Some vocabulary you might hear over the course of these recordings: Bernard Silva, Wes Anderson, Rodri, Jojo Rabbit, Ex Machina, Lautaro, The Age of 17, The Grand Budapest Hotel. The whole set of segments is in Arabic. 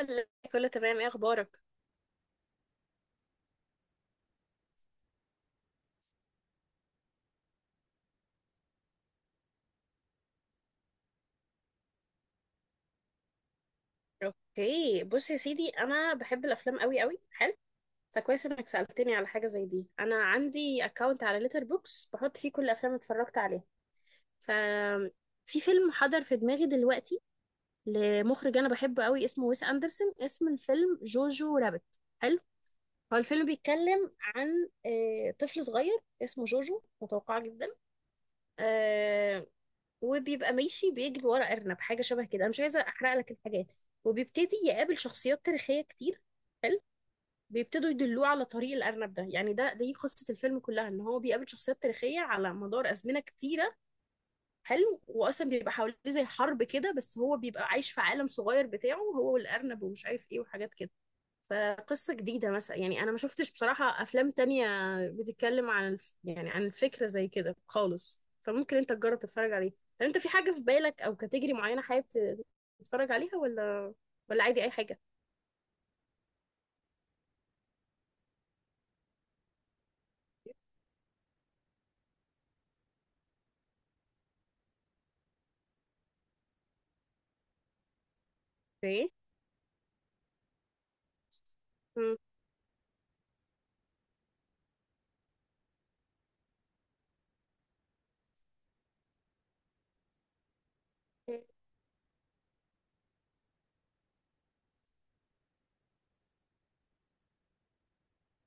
لا، كله تمام. ايه اخبارك؟ اوكي، بص يا سيدي، انا بحب الافلام قوي قوي. حلو. فكويس انك سالتني على حاجه زي دي. انا عندي اكونت على ليتر بوكس بحط فيه كل الافلام اللي اتفرجت عليها. ف في فيلم حضر في دماغي دلوقتي لمخرج انا بحبه قوي، اسمه ويس اندرسون. اسم الفيلم جوجو رابت. حلو. هو الفيلم بيتكلم عن طفل صغير اسمه جوجو، متوقع جدا، آه، وبيبقى ماشي بيجري ورا أرنب حاجة شبه كده. أنا مش عايزة أحرق لك الحاجات. وبيبتدي يقابل شخصيات تاريخية كتير. حلو. بيبتدوا يدلوه على طريق الأرنب ده. يعني دي قصة الفيلم كلها، إن هو بيقابل شخصيات تاريخية على مدار أزمنة كتيرة. حلو. وأصلا بيبقى حواليه زي حرب كده، بس هو بيبقى عايش في عالم صغير بتاعه، هو والأرنب ومش عارف إيه وحاجات كده. فقصة جديدة مثلا، يعني أنا ما شفتش بصراحة أفلام تانية بتتكلم عن يعني عن الفكرة زي كده خالص. فممكن أنت تجرب تتفرج عليه. طب أنت في حاجة في بالك أو كاتيجري معينة حابب تتفرج عليها، ولا عادي أي حاجة؟ اوكي. مم.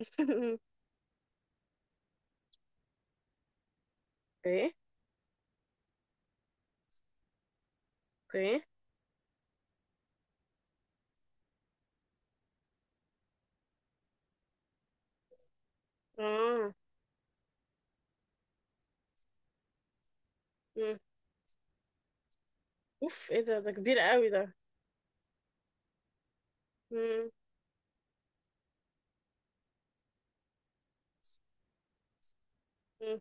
اوكي. اوكي. اه. مم. اوف، ايه ده؟ ده كبير قوي ده. مم. مم.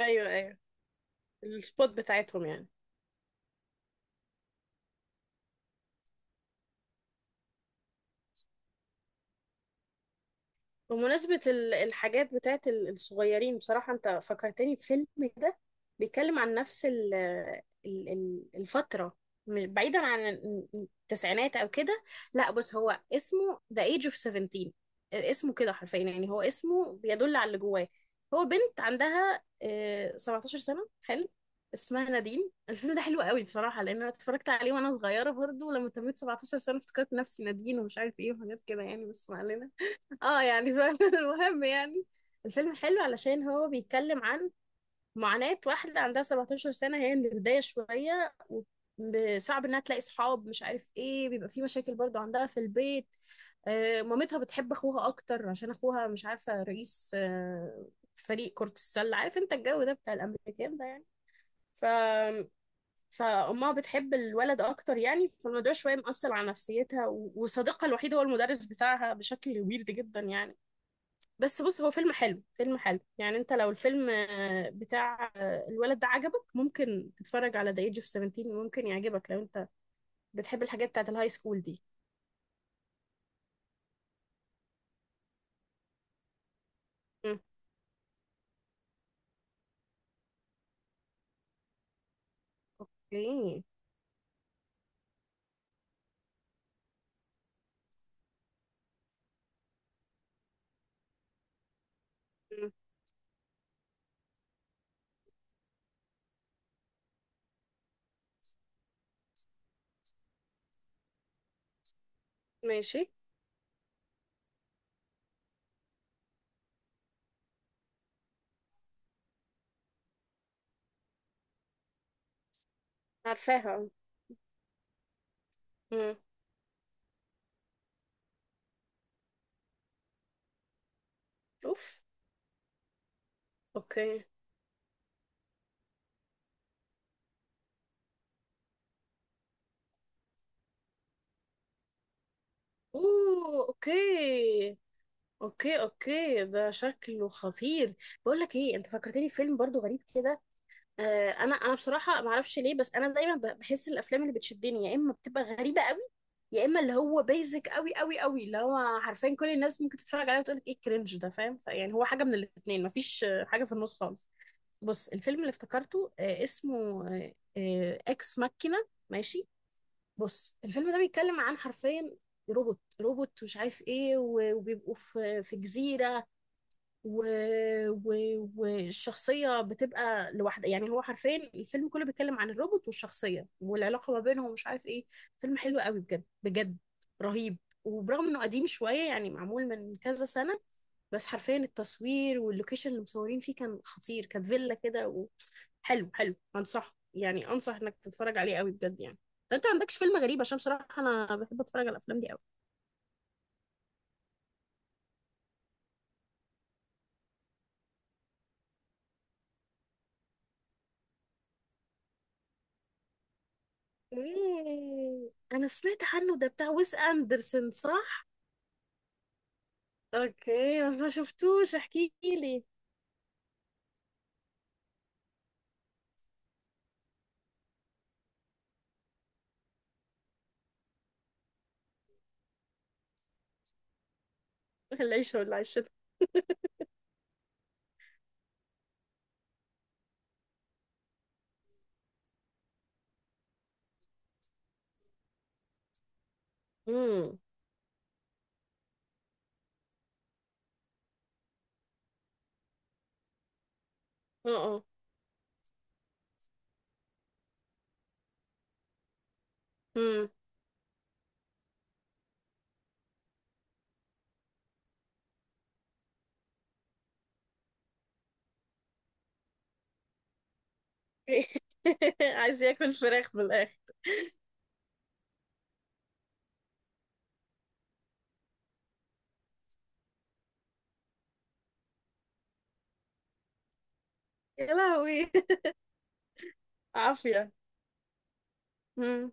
ايوه ايوه، السبوت بتاعتهم يعني. بمناسبة الحاجات بتاعت الصغيرين، بصراحة انت فكرتني بفيلم كده بيتكلم عن نفس الفترة، مش بعيدا عن التسعينات او كده. لا، بس هو اسمه The Age of 17. اسمه كده حرفيا، يعني هو اسمه بيدل على اللي جواه. هو بنت عندها 17 سنة. حلو. اسمها نادين. الفيلم ده حلو قوي بصراحة، لان انا اتفرجت عليه وانا صغيرة برضه. لما تميت 17 سنة افتكرت نفسي نادين ومش عارف ايه وحاجات كده يعني، بس ما علينا. اه يعني المهم يعني الفيلم حلو علشان هو بيتكلم عن معاناة واحدة عندها 17 سنة. هي من البداية شوية وصعب انها تلاقي صحاب، مش عارف ايه، بيبقى في مشاكل برضو عندها في البيت. آه، مامتها بتحب اخوها اكتر عشان اخوها مش عارفة رئيس آه فريق كرة السلة. عارف انت الجو ده بتاع الامريكان ده يعني. ف فأمها بتحب الولد أكتر يعني، فالموضوع شوية مأثر على نفسيتها. وصديقها الوحيد هو المدرس بتاعها بشكل ويرد جدا يعني. بس بص، هو فيلم حلو، فيلم حلو يعني. انت لو الفيلم بتاع الولد ده عجبك، ممكن تتفرج على ذا ايج اوف 17، ممكن يعجبك لو انت بتحب الحاجات بتاعت الهاي سكول دي. مم. اوكي. مم. ماشي. عارفاها. مم. اوف. اوكي. اوه، اوكي. اوكي اوكي، ده شكله خطير. بقول لك ايه، انت فكرتني في فيلم برضو غريب كده. انا بصراحه ما اعرفش ليه، بس انا دايما بحس الافلام اللي بتشدني يا اما بتبقى غريبه قوي، يا اما اللي هو بيزك قوي قوي قوي، اللي هو حرفيا كل الناس ممكن تتفرج عليه وتقول لك ايه الكرنج ده، فاهم؟ فيعني هو حاجه من الاثنين، مفيش حاجه في النص خالص. بص، الفيلم اللي افتكرته اسمه اكس ماكينه. ماشي. بص، الفيلم ده بيتكلم عن حرفيا روبوت مش عارف ايه، وبيبقوا في جزيره، و... و... والشخصية بتبقى لوحدها. يعني هو حرفيا الفيلم كله بيتكلم عن الروبوت والشخصية والعلاقة ما بينهم ومش عارف ايه. فيلم حلو قوي بجد بجد، رهيب. وبرغم انه قديم شوية، يعني معمول من كذا سنة، بس حرفيا التصوير واللوكيشن اللي مصورين فيه كان خطير، كانت فيلا كده حلو حلو، انصح يعني، انصح انك تتفرج عليه قوي بجد يعني، لو انت ما عندكش فيلم غريب، عشان بصراحة انا بحب اتفرج على الافلام دي قوي. ايه، انا سمعت عنه ده، بتاع ويس اندرسون صح؟ اوكي، بس ما شفتوش. احكي لي. العيشه ولا عيشه. امم. اه. امم. عايز ياكل فراخ بالاخر. يا لهوي. عافيه. امم.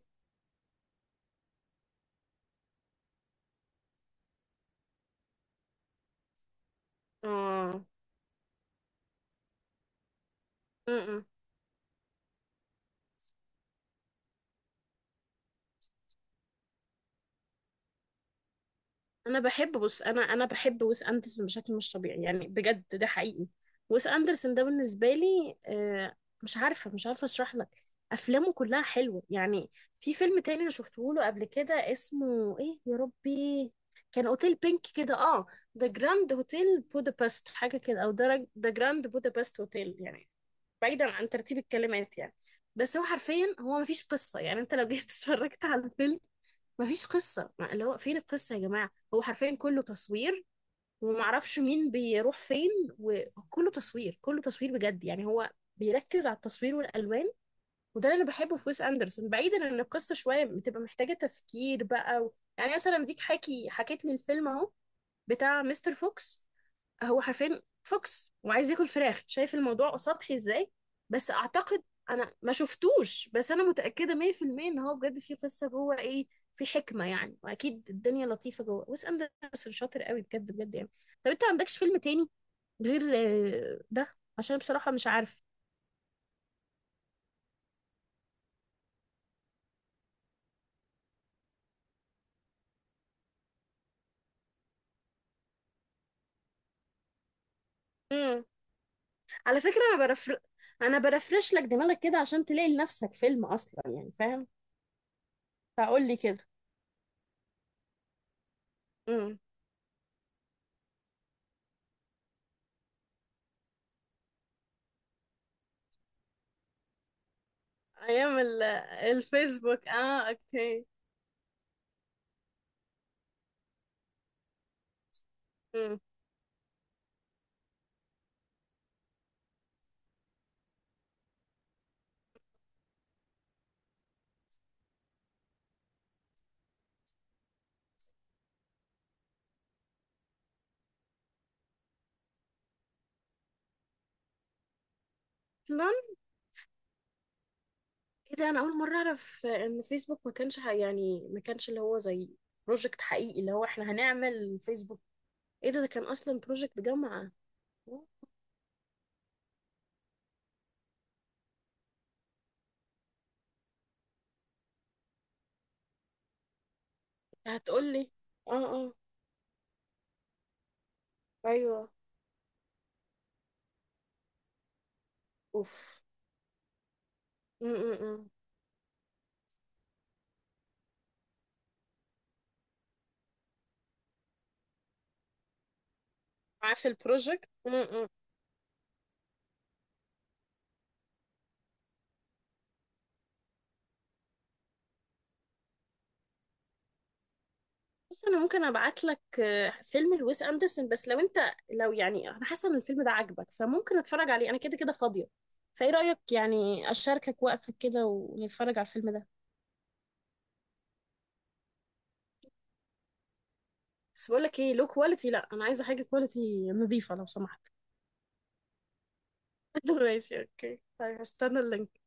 اه. انا بحب بص، انا بحب ويس اندرسون بشكل مش طبيعي يعني، بجد ده حقيقي. ويس اندرسون ده بالنسبه لي مش عارفه اشرح لك. افلامه كلها حلوه يعني. في فيلم تاني انا شفته له قبل كده، اسمه ايه يا ربي، كان اوتيل بينك كده. اه، ذا جراند هوتيل بودابست، حاجه كده، او ذا جراند بودابست هوتيل يعني، بعيدا عن ترتيب الكلمات يعني. بس هو حرفيا هو مفيش قصه يعني. انت لو جيت اتفرجت على الفيلم، مفيش قصة. اللي هو فين القصة يا جماعة؟ هو حرفيا كله تصوير، ومعرفش مين بيروح فين، وكله تصوير، كله تصوير بجد يعني. هو بيركز على التصوير والألوان، وده اللي أنا بحبه في ويس أندرسون، بعيدا إن القصة شوية بتبقى محتاجة تفكير بقى. يعني مثلا ديك حكيت لي الفيلم أهو بتاع مستر فوكس. هو حرفيا فوكس وعايز ياكل فراخ، شايف الموضوع سطحي ازاي؟ بس اعتقد، انا ما شفتوش، بس انا متاكده 100% ان هو بجد في قصه جوه، ايه، في حكمه يعني. واكيد الدنيا لطيفه جوه. ويس اندرسون شاطر قوي بجد بجد يعني. طب انت ما عندكش فيلم تاني غير ده؟ عشان بصراحه مش عارف. امم. على فكره، انا برفرش لك دماغك كده عشان تلاقي لنفسك فيلم اصلا يعني، فاهم؟ فقول لي كده. امم. ايام الفيسبوك، اه اوكي. امم. ايه ده، انا اول مره اعرف ان فيسبوك ما كانش يعني ما كانش اللي هو زي بروجكت حقيقي، اللي هو احنا هنعمل فيسبوك. ايه ده، ده كان اصلا بروجكت جامعه. هتقول لي. اه اه. ايوه. اوف. امم. عارف البروجكت. امم. بص، انا ممكن ابعت لك فيلم لويس اندرسون، بس لو انت، لو يعني انا حاسه ان الفيلم ده عاجبك، فممكن اتفرج عليه انا، كده كده فاضيه. فايه رايك يعني، اشاركك وقتك كده ونتفرج على الفيلم ده. بس بقول لك ايه، لو كواليتي، لا انا عايزه حاجه كواليتي نظيفه لو سمحت. ماشي اوكي، طيب هستنى اللينك.